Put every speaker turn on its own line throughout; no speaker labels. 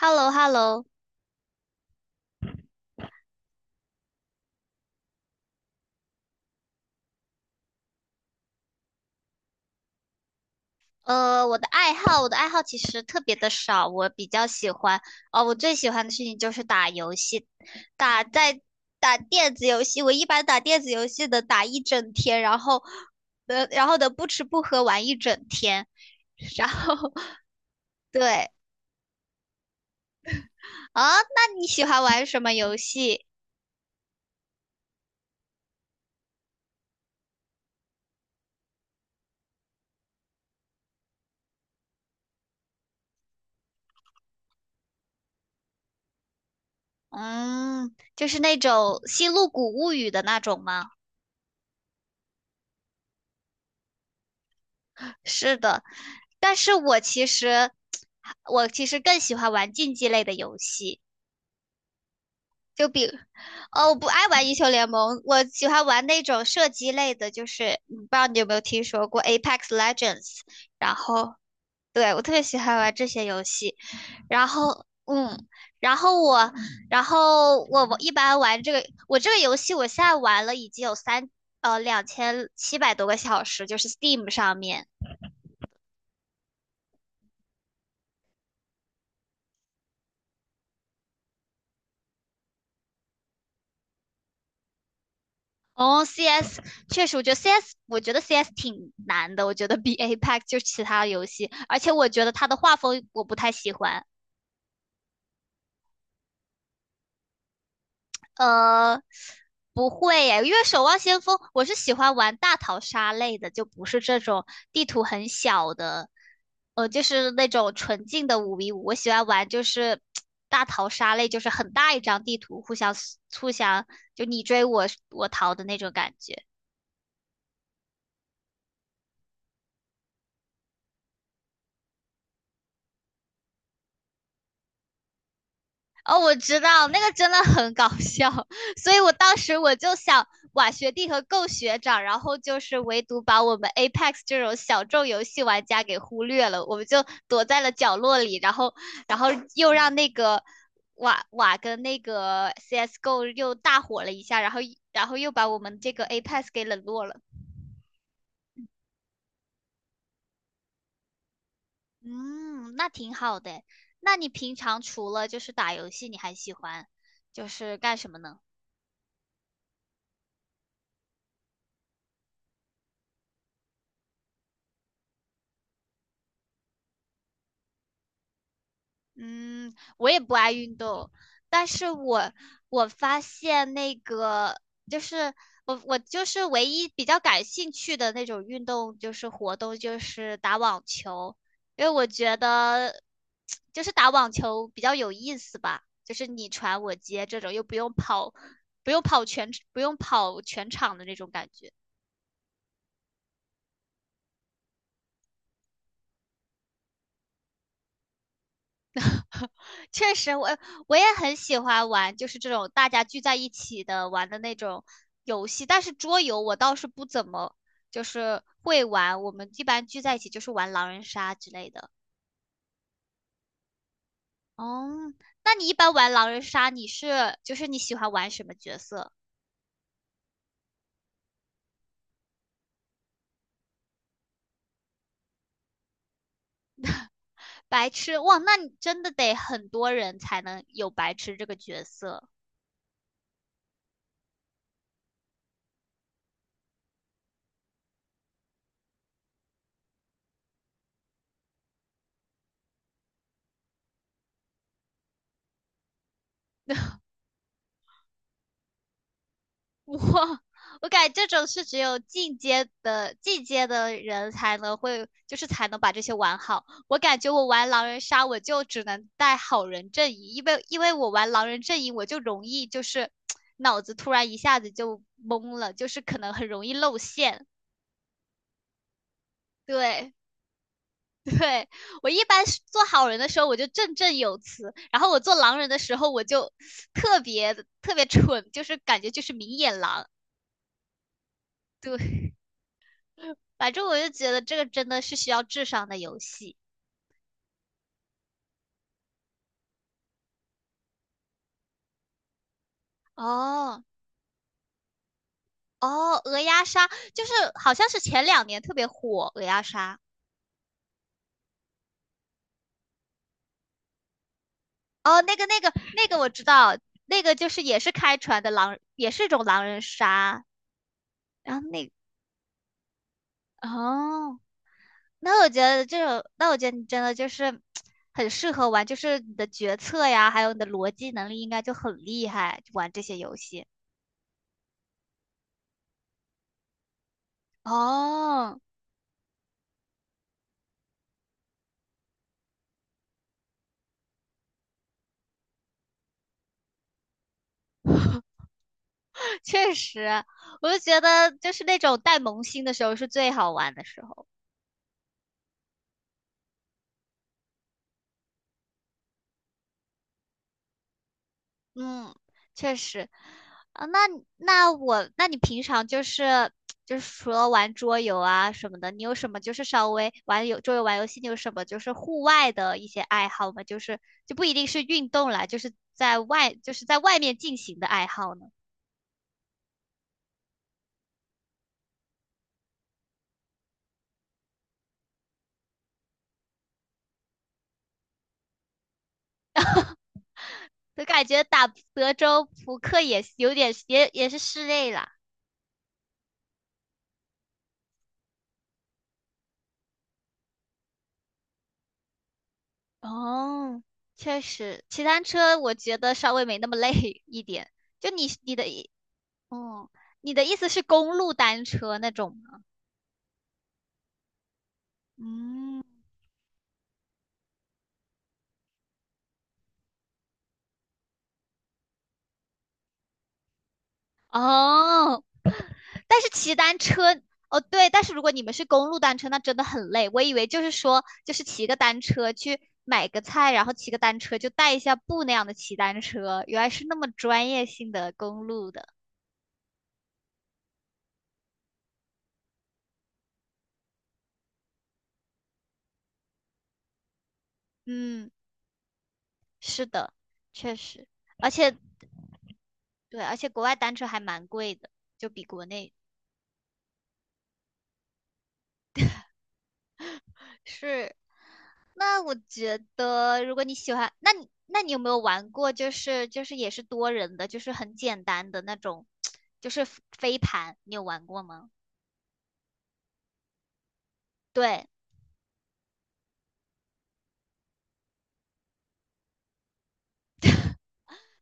h e l l o h e l l o。 我的爱好其实特别的少，我比较喜欢，哦，我最喜欢的事情就是打游戏，打在打电子游戏，我一般打电子游戏的打一整天，然后，然后的不吃不喝玩一整天，然后对。啊，那你喜欢玩什么游戏？嗯，就是那种《星露谷物语》的那种吗？是的，但是我其实更喜欢玩竞技类的游戏。就比，哦，我不爱玩英雄联盟，我喜欢玩那种射击类的，就是不知道你有没有听说过 Apex Legends,然后，对，我特别喜欢玩这些游戏。然后，嗯，然后我，然后我一般玩这个，我这个游戏我现在玩了已经有2700多个小时，就是 Steam 上面。哦，CS 确实，我觉得 CS 挺难的，我觉得比 Apex 就是其他游戏，而且我觉得它的画风我不太喜欢。呃，不会耶，因为《守望先锋》我是喜欢玩大逃杀类的，就不是这种地图很小的，就是那种纯净的5v5。我喜欢玩就是大逃杀类，就是很大一张地图，互相就你追我逃的那种感觉。哦，我知道那个真的很搞笑，所以我当时我就想，瓦学弟和 Go 学长，然后就是唯独把我们 Apex 这种小众游戏玩家给忽略了，我们就躲在了角落里，然后又让那个瓦瓦跟那个 CS:GO 又大火了一下，然后又把我们这个 Apex 给冷落了。嗯，那挺好的。那你平常除了就是打游戏，你还喜欢就是干什么呢？嗯，我也不爱运动，但是我发现那个就是我就是唯一比较感兴趣的那种运动就是活动就是打网球，因为我觉得就是打网球比较有意思吧，就是你传我接这种又不用跑，不用跑全场的那种感觉。确实，我也很喜欢玩，就是这种大家聚在一起的玩的那种游戏。但是桌游我倒是不怎么就是会玩，我们一般聚在一起就是玩狼人杀之类的。哦，那你一般玩狼人杀，你是就是你喜欢玩什么角色？白痴，哇，那你真的得很多人才能有白痴这个角色。我我感觉这种是只有进阶的人才能会，就是才能把这些玩好。我感觉我玩狼人杀，我就只能带好人阵营，因为我玩狼人阵营，我就容易就是脑子突然一下子就懵了，就是可能很容易露馅。对， 对，我一般是做好人的时候我就振振有词，然后我做狼人的时候我就特别特别蠢，就是感觉就是明眼狼。对，反正我就觉得这个真的是需要智商的游戏。哦哦，鹅鸭杀就是好像是前2年特别火，鹅鸭杀。哦，那个我知道，那个就是也是开船的狼，也是一种狼人杀。然后那哦，那我觉得你真的就是很适合玩，就是你的决策呀，还有你的逻辑能力应该就很厉害，玩这些游戏。哦，确实，我就觉得就是那种带萌新的时候是最好玩的时候。嗯，确实。啊，那你平常就是除了玩桌游啊什么的，你有什么就是稍微桌游玩游戏，你有什么就是户外的一些爱好吗？就是就不一定是运动啦，就是在外面进行的爱好呢？就感觉打德州扑克也有点也是室内啦。哦，确实，骑单车我觉得稍微没那么累 一点。就你你的意，哦，你的意思是公路单车那种吗？嗯，哦，但是骑单车，哦对，但是如果你们是公路单车，那真的很累。我以为就是说，就是骑个单车去买个菜，然后骑个单车就带一下步那样的骑单车，原来是那么专业性的公路的。嗯，是的，确实。而且对，而且国外单车还蛮贵的，就比国内。是，那我觉得，如果你喜欢，那你有没有玩过，就是也是多人的，就是很简单的那种，就是飞盘，你有玩过吗？对，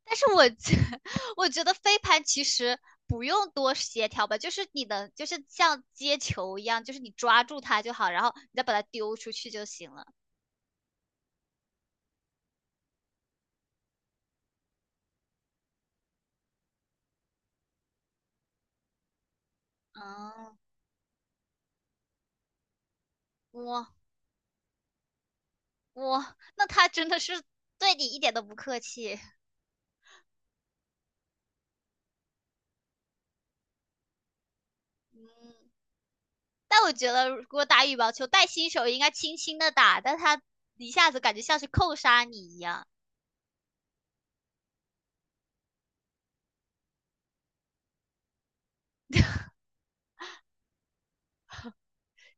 但是我觉 我觉得飞盘其实不用多协调吧，就是你能就是像接球一样，就是你抓住它就好，然后你再把它丢出去就行了。嗯，我我那他真的是对你一点都不客气。嗯，但我觉得，如果打羽毛球，带新手应该轻轻的打，但他一下子感觉像是扣杀你一样，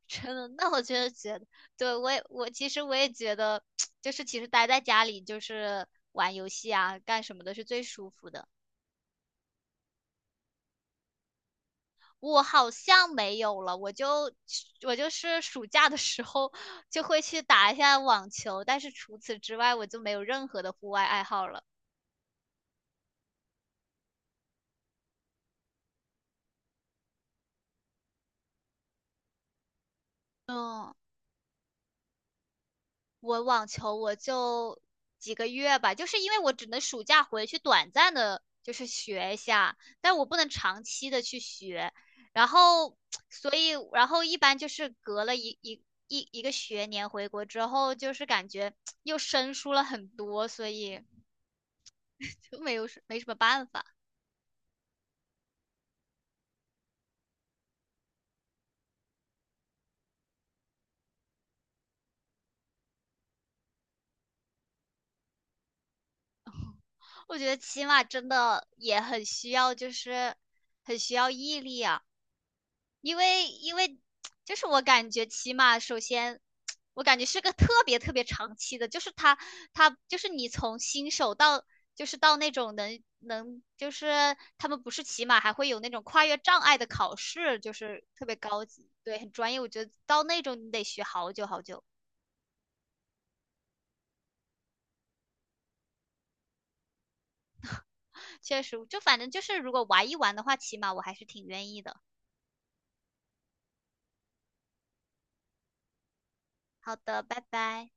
真的。那我真的觉得，对我其实我也觉得，就是其实待在家里就是玩游戏啊，干什么的是最舒服的。我好像没有了，我就是暑假的时候就会去打一下网球，但是除此之外我就没有任何的户外爱好了。嗯。我网球我就几个月吧，就是因为我只能暑假回去短暂的，就是学一下，但我不能长期的去学。然后，所以，然后一般就是隔了一个学年回国之后，就是感觉 又生疏了很多，所以 就没有什没什么办法。我觉得骑马真的也很需要，就是很需要毅力啊。因为就是我感觉起码首先，我感觉是个特别特别长期的，就是他就是你从新手到就是到那种能就是他们不是骑马还会有那种跨越障碍的考试，就是特别高级，对，很专业。我觉得到那种你得学好久好久，确实，就反正就是如果玩一玩的话，骑马我还是挺愿意的。好的，拜拜。